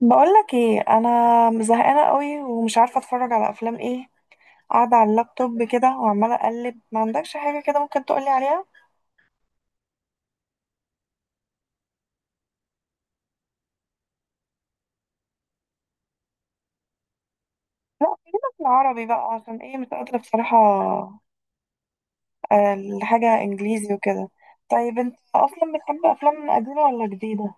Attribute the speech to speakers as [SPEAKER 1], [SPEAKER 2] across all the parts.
[SPEAKER 1] بقولك ايه انا زهقانه قوي ومش عارفه اتفرج على افلام ايه. قاعده على اللابتوب كده وعماله اقلب، ما عندكش حاجه كده ممكن تقولي عليها؟ لا، خلينا في العربي بقى عشان ايه مش قادره بصراحه آه، لحاجه انجليزي وكده. طيب انت اصلا بتحب افلام قديمه ولا جديده؟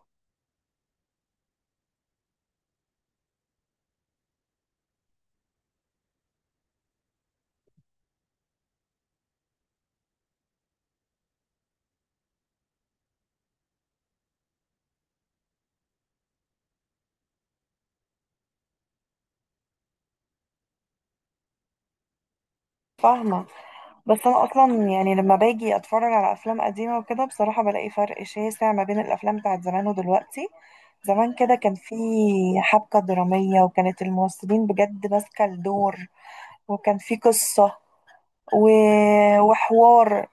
[SPEAKER 1] فاهمه. بس انا اصلا يعني لما باجي اتفرج على افلام قديمه وكده بصراحه بلاقي فرق شاسع ما بين الافلام بتاعت زمان ودلوقتي. زمان كده كان في حبكة درامية، وكانت الممثلين بجد ماسكة الدور، وكان في قصة و... وحوار.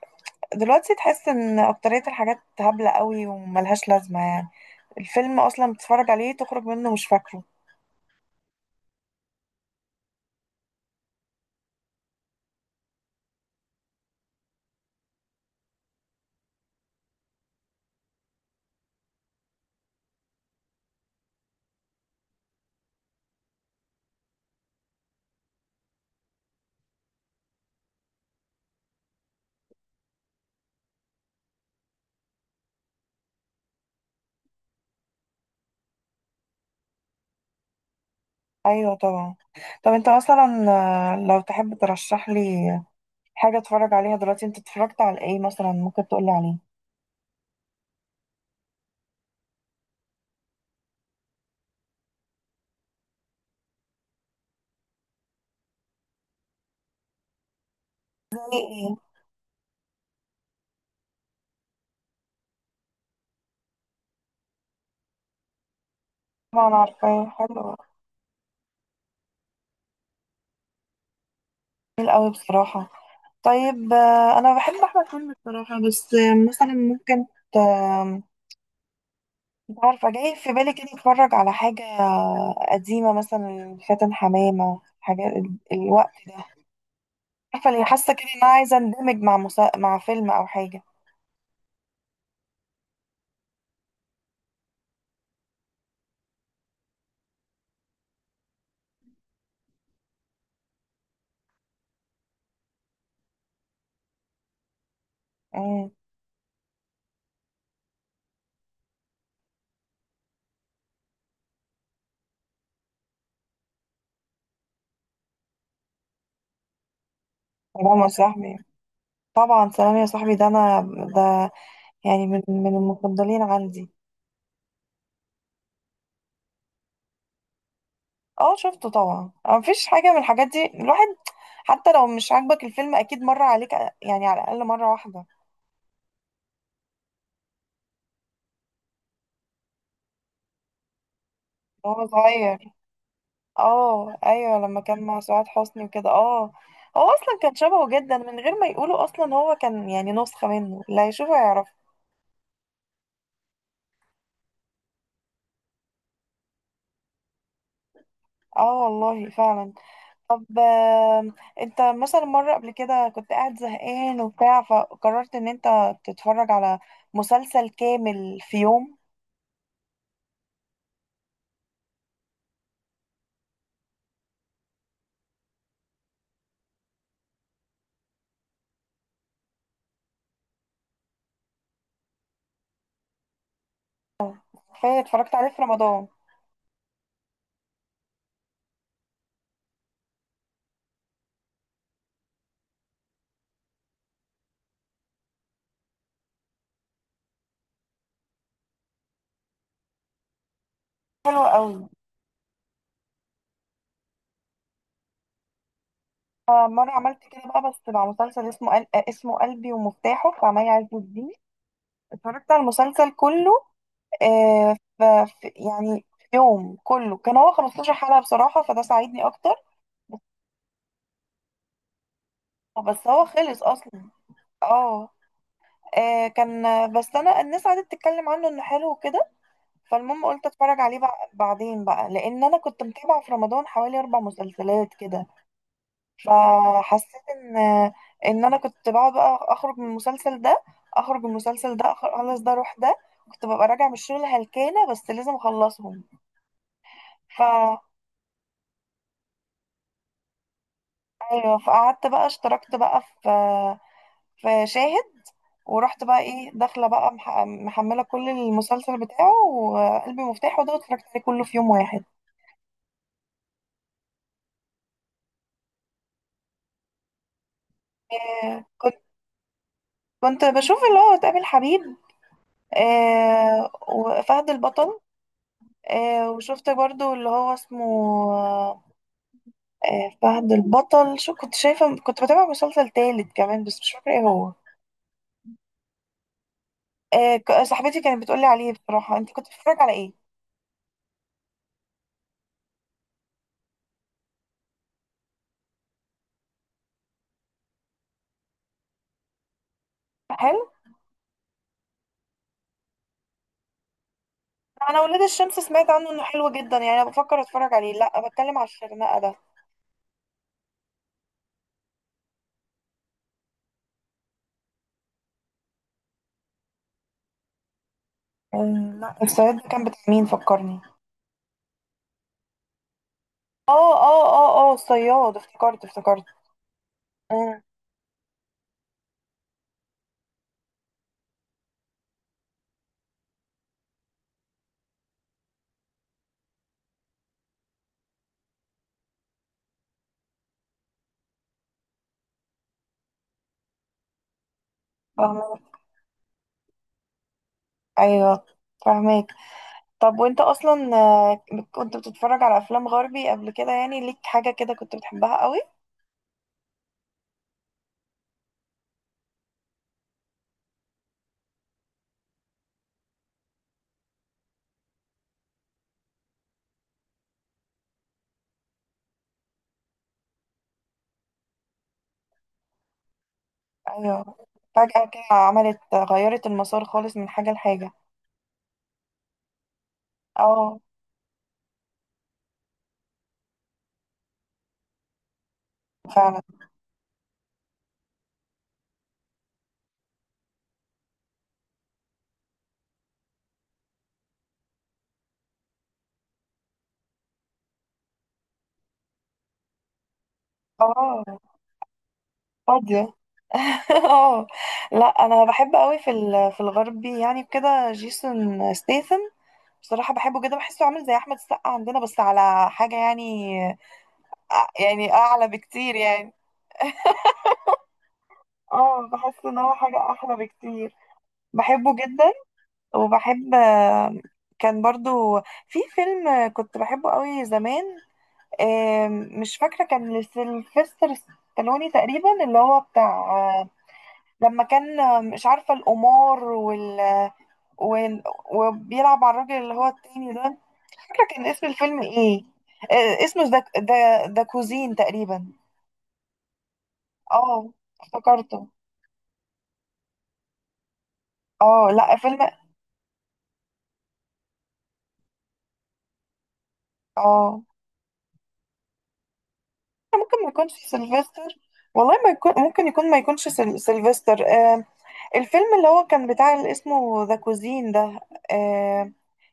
[SPEAKER 1] دلوقتي تحس ان اكترية الحاجات هبلة قوي وملهاش لازمة يعني، الفيلم اصلا بتتفرج عليه تخرج منه مش فاكره. ايوه طبعا. طب انت مثلا لو تحب ترشح لي حاجة اتفرج عليها دلوقتي، انت اتفرجت على ايه مثلا ممكن تقولي عليه؟ ايه، ايه؟ طبعا عارفاه، حلو. جميل قوي بصراحة. طيب انا بحب احمد حلمي بصراحة، بس مثلا ممكن، انت عارفة، جاي في بالي كده اتفرج على حاجة قديمة، مثلا فاتن حمامة، حاجة الوقت ده، عارفة، اللي حاسة كده ان انا عايزة اندمج مع مع فيلم او حاجة. امم. سلام يا صاحبي. طبعا سلام يا صاحبي ده انا ده يعني من المفضلين عندي. اه شفته طبعا. اه، مفيش حاجة من الحاجات دي الواحد، حتى لو مش عاجبك الفيلم اكيد مر عليك يعني، على الاقل مرة واحدة. وهو صغير، اه ايوه لما كان مع سعاد حسني وكده، اه. هو اصلا كان شبهه جدا من غير ما يقولوا، اصلا هو كان يعني نسخة منه، لا يشوفه يعرفه. اه والله فعلا. طب انت مثلا مرة قبل كده كنت قاعد زهقان وبتاع، فقررت ان انت تتفرج على مسلسل كامل في يوم؟ فاتفرجت عليه في رمضان. حلو قوي. مرة عملت كده بقى، بس مع مسلسل اسمه اسمه قلبي ومفتاحه بتاع مي عز الدين، اتفرجت على المسلسل كله. آه، يعني في يوم كله، كان هو 15 حلقة بصراحة، فده ساعدني أكتر. بس هو خلص أصلا. اه كان. بس أنا الناس قعدت تتكلم عنه إنه حلو وكده، فالمهم قلت أتفرج عليه بعدين بقى، لأن أنا كنت متابعة في رمضان حوالي أربع مسلسلات كده. فحسيت إن أنا كنت بقعد بقى، أخرج من المسلسل ده أخرج من المسلسل ده، أخلص ده أروح ده، كنت ببقى راجعة من الشغل هلكانة بس لازم أخلصهم. ايوه، فقعدت بقى اشتركت بقى في شاهد، ورحت بقى ايه داخله بقى محمله كل المسلسل بتاعه، وقلبي مفتاحه ده، واتفرجت عليه كله في يوم واحد. آه، كنت كنت بشوف اللي هو تقابل حبيب، وفهد البطل، وشفت برضو اللي هو اسمه فهد البطل. شو كنت شايفه، كنت بتابع مسلسل تالت كمان بس مش فاكره ايه هو. صاحبتي كانت بتقولي عليه. بصراحه انت كنت بتتفرج على ايه؟ حلو. انا ولاد الشمس سمعت عنه انه حلو جدا، يعني انا بفكر اتفرج عليه. لا، بتكلم على الشرنقة ده. آه، لا الصياد ده كان بتاع مين، فكرني. اه اه اه اه الصياد، افتكرت افتكرت. امم. فاهمة. ايوه، فاهمك. طب وانت اصلا كنت بتتفرج على افلام غربي قبل كده؟ يعني ليك حاجة كده كنت بتحبها قوي؟ ايوه، فجأة كده عملت غيرت المسار خالص من حاجة لحاجة. اه فعلا. اه فاضية. اه. لا، انا بحب قوي في في الغربي يعني، كده جيسون ستيثم بصراحة بحبه جدا، بحسه عامل زي احمد السقا عندنا بس على حاجة يعني، يعني اعلى بكتير يعني. اه بحس ان هو حاجة احلى بكتير، بحبه جدا. وبحب، كان برضو في فيلم كنت بحبه قوي زمان، مش فاكرة كان لسيلفستر ستالوني تقريبا، اللي هو بتاع لما كان مش عارفة القمار وال- وبيلعب على الراجل اللي هو التاني ده، مش فاكرة كان اسم الفيلم ايه. اسمه ذا كوزين تقريبا. اه، افتكرته. اه لا فيلم. اه، ممكن ما يكونش سيلفستر، والله ما يكون، ممكن يكون ما يكونش سيلفستر آه. الفيلم اللي هو كان بتاع، اللي اسمه ذا كوزين ده، آه،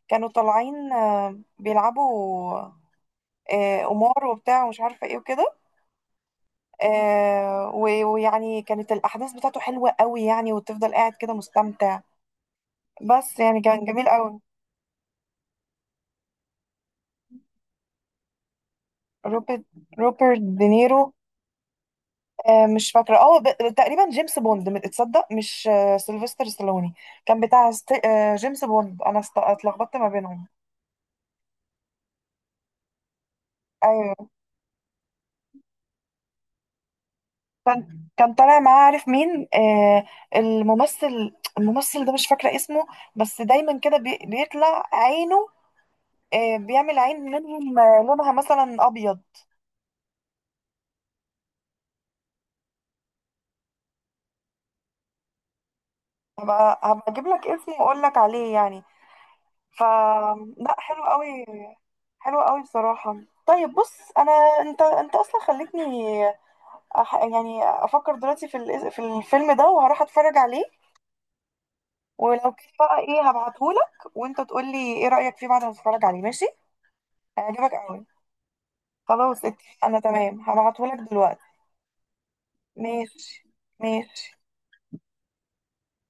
[SPEAKER 1] كانوا طالعين آه بيلعبوا آه قمار وبتاع ومش عارفة ايه وكده. ويعني كانت الأحداث بتاعته حلوة قوي يعني، وتفضل قاعد كده مستمتع، بس يعني كان جميل قوي. روبرت روبرت دينيرو. آه مش فاكرة. اه تقريبا جيمس بوند، تصدق مش آه سيلفستر ستالوني، كان بتاع آه جيمس بوند. أنا اتلخبطت ما بينهم. أيوه. كان طالع معاه، عارف مين آه، الممثل ده مش فاكرة اسمه، بس دايما كده بيطلع عينه، بيعمل عين منهم لونها مثلا ابيض. هبقى اجيب لك اسمه واقول لك عليه يعني، ف. لا حلو قوي. حلو قوي بصراحة. طيب بص، انا، انت اصلا خلتني يعني افكر دلوقتي في في الفيلم ده، وهروح اتفرج عليه. ولو كده بقى ايه هبعتهولك، وانت تقول لي ايه رأيك فيه بعد ما تتفرج عليه، ماشي؟ هيعجبك قوي. خلاص اتفقنا، تمام، هبعتهولك دلوقتي. ماشي، ماشي.